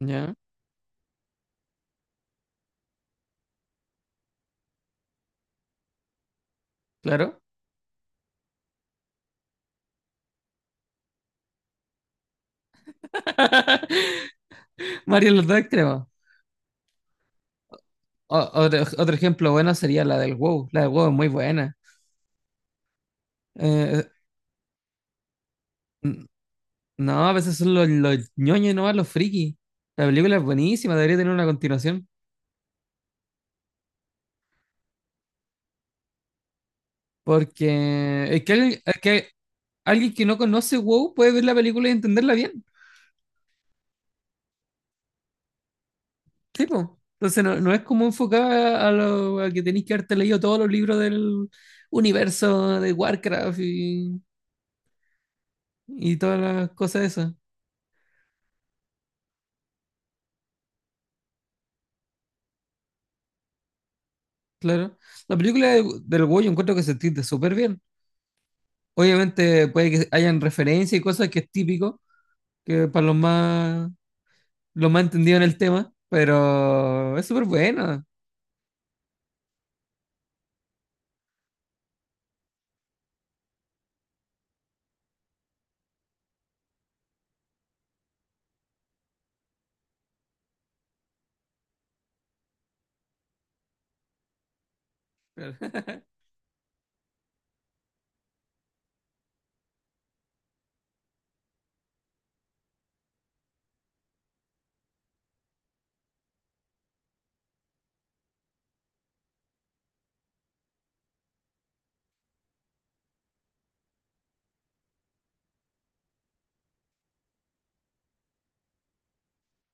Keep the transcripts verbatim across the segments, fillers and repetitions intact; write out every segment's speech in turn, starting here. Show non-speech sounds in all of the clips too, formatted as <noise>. Ya, claro. <laughs> Mario en los dos extremos. O- otro, otro ejemplo bueno sería la del WoW. La del WoW es muy buena. Eh, n- no, a veces son los, los ñoños nomás, los frikis. La película es buenísima, debería tener una continuación. Porque es que, alguien, es que Alguien que no conoce WoW puede ver la película y entenderla bien. Sí, po. Entonces no, no es como enfocada a, lo, a que tenéis que haberte leído todos los libros del universo de Warcraft y, y todas las cosas de eso. Claro. La película de- del Hugo yo encuentro que se entiende súper bien. Obviamente puede que hayan referencias y cosas que es típico, que para los más, los más entendidos en el tema, pero es súper bueno.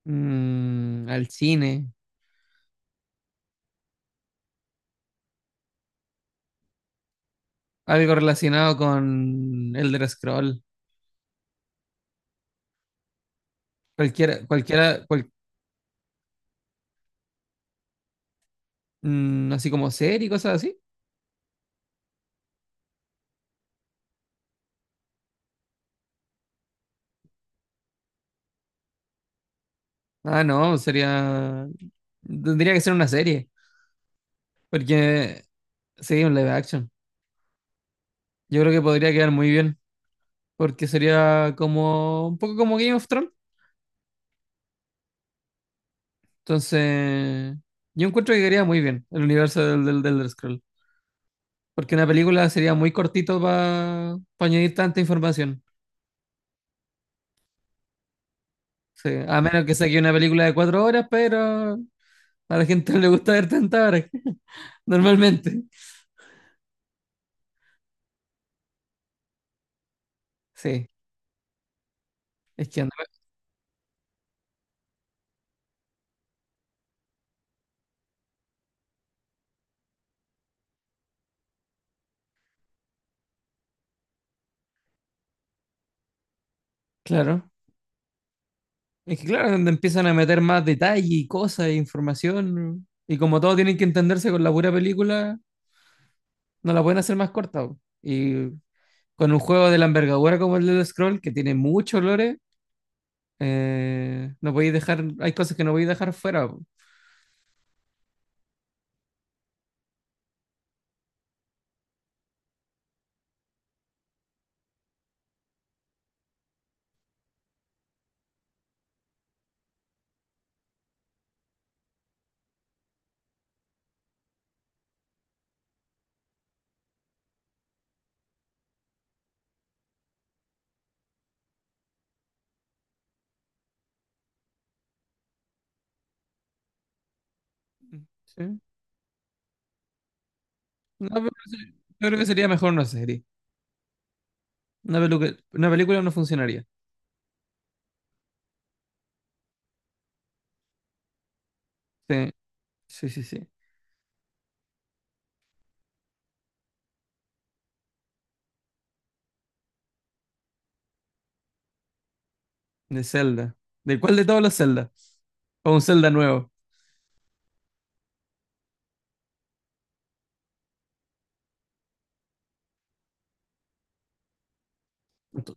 Mm, al cine. Algo relacionado con Elder Scroll. Cualquiera, cualquiera, cual- mm, así como serie y cosas así. Ah, no, sería. Tendría que ser una serie. Porque sería un live action. Yo creo que podría quedar muy bien, porque sería como un poco como Game of Thrones. Entonces, yo encuentro que quedaría muy bien el universo del, del, del Elder Scroll, porque una película sería muy cortito para añadir tanta información. Sí, a menos que saque una película de cuatro horas, pero a la gente no le gusta ver tantas horas, <laughs> normalmente. Sí, es que anda- claro. Es que claro, donde empiezan a meter más detalle y cosas e información, y como todos tienen que entenderse con la pura película, no la pueden hacer más corta, po. Y con un juego de la envergadura como el Elder Scroll, que tiene mucho lore, eh, no podéis dejar, hay cosas que no podéis dejar fuera, po. ¿Sí? No, pero sí, yo creo que sería mejor una serie. Una, pelu- una película no funcionaría. Sí, sí, sí, sí. De Zelda. ¿De cuál de todos los Zelda? O un Zelda nuevo. Ento-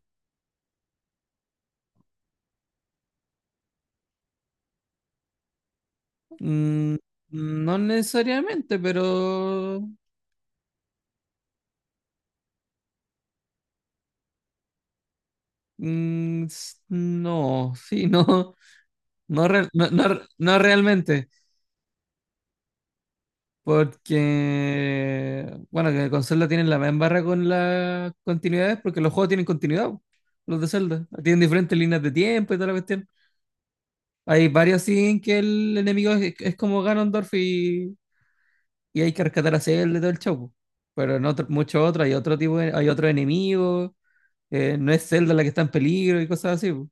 Mm, no necesariamente, pero mm, s- no, sí, no. No, re- no, no, no realmente. Porque, bueno, que con Zelda tienen la misma barra con las continuidades, porque los juegos tienen continuidad, po, los de Zelda. Tienen diferentes líneas de tiempo y toda la cuestión. Hay varios así en que el enemigo es, es como Ganondorf y, y hay que rescatar a Zelda y todo el show, po. Pero en otro- muchos otros, hay otro tipo, de- hay otros enemigos, eh, no es Zelda la que está en peligro y cosas así, po.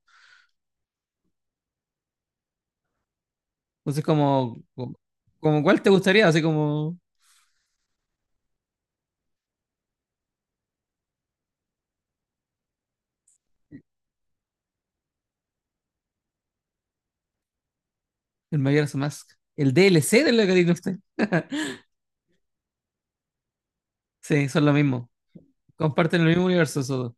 Entonces, como, como, como ¿cuál te gustaría? Así como el Majora's Mask. El D L C de la Ocarina of Time. Sí, son lo mismo. Comparten el mismo universo esos dos,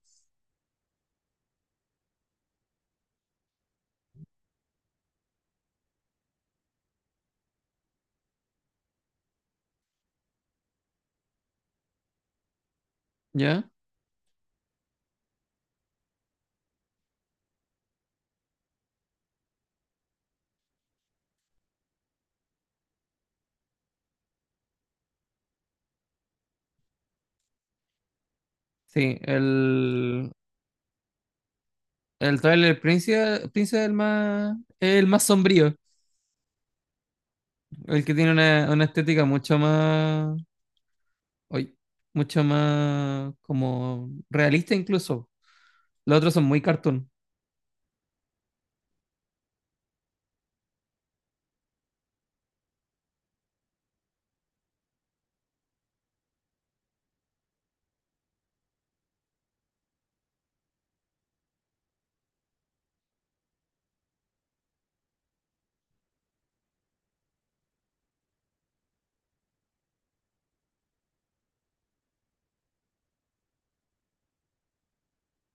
¿ya? Sí, el, el Twilight Princess, príncipe Príncipe es el más, es el más sombrío, el que tiene una, una estética mucho más, uy, mucho más como realista incluso. Los otros son muy cartoon.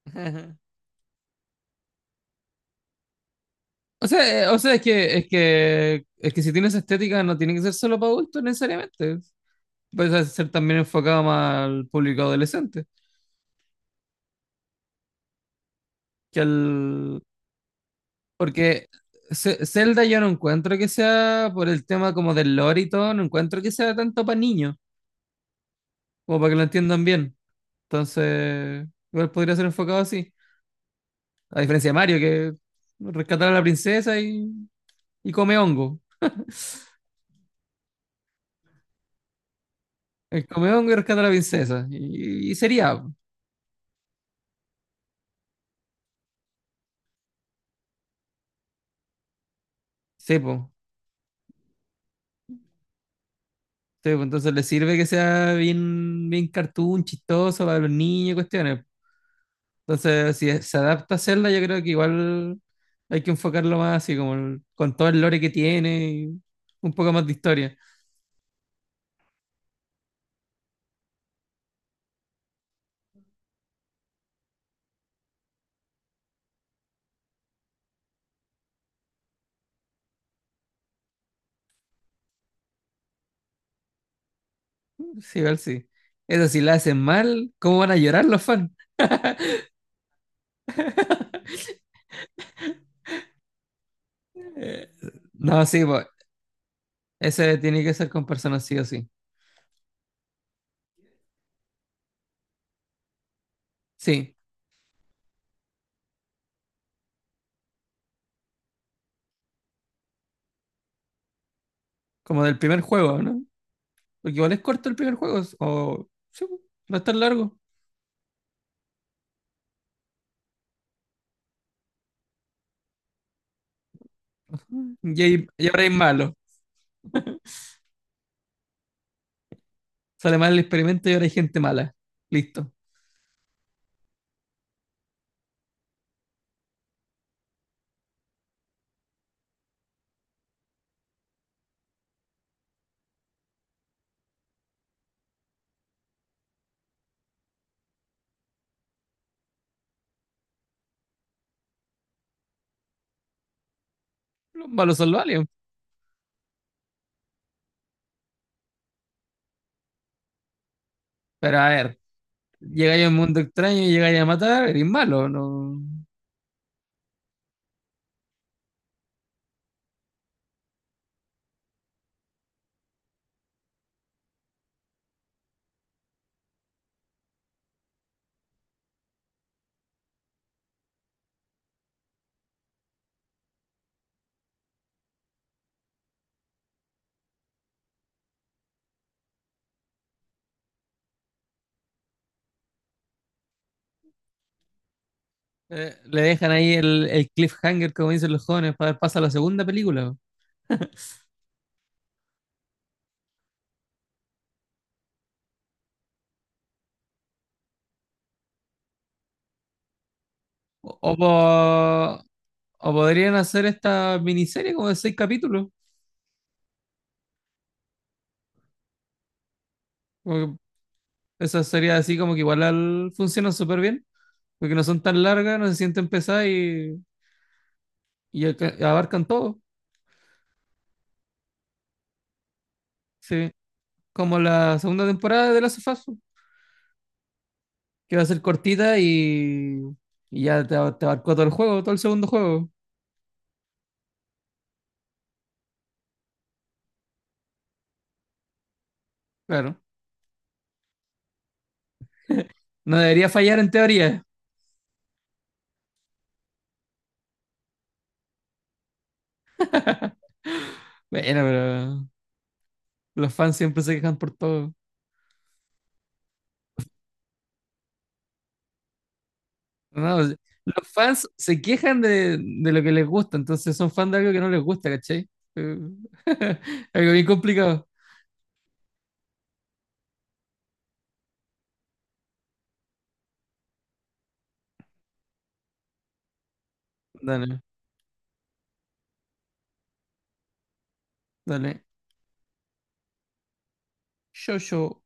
<laughs> Ajá. O sea, eh, o sea, es que, es que, es que si tienes estética no tiene que ser solo para adultos necesariamente. Puede ser también enfocado más al público adolescente, que al. Porque Ce- Zelda yo no encuentro que sea por el tema como del lore y todo, no encuentro que sea tanto para niños, como para que lo entiendan bien. Entonces, igual podría ser enfocado así. A diferencia de Mario, que rescatar a la princesa y, y come hongo. El come hongo y rescata a la princesa. Y, y sería, po. Sí, po. Sí, po. Entonces le sirve que sea bien, bien cartoon, chistoso para los niños y cuestiones. Entonces, si se adapta a Zelda, yo creo que igual hay que enfocarlo más así, como el- con todo el lore que tiene y un poco más de historia. Sí, igual sí. Eso, si la hacen mal, ¿cómo van a llorar los fans? Eh, no, sí, pues, ese tiene que ser con personas sí o sí. Sí, como del primer juego, ¿no? Porque igual es corto el primer juego, o sí, pues, no es tan largo. Y, hay- y ahora hay malos. Sale mal el experimento y ahora hay gente mala. Listo. Los malos son los aliens. Pero a ver. Llegáis a un mundo extraño y llegáis a matar, eres malo, no. Eh, le dejan ahí el, el cliffhanger, como dicen los jóvenes, para dar paso a la segunda película. O, o po- o podrían hacer esta miniserie como de seis capítulos. Como que Esa sería así como que igual al- funcionan súper bien, porque no son tan largas, no se sienten pesadas y, y alca- abarcan todo. Sí. Como la segunda temporada de la of Us, que va a ser cortita y, y ya te, te abarcó todo el juego, todo el segundo juego. Claro. No debería fallar en teoría. Bueno, pero los fans siempre se quejan por todo. No, los fans se quejan de, de lo que les gusta, entonces son fans de algo que no les gusta, ¿cachai? Eh, <laughs> algo bien complicado. Dale, dale. Yo, yo.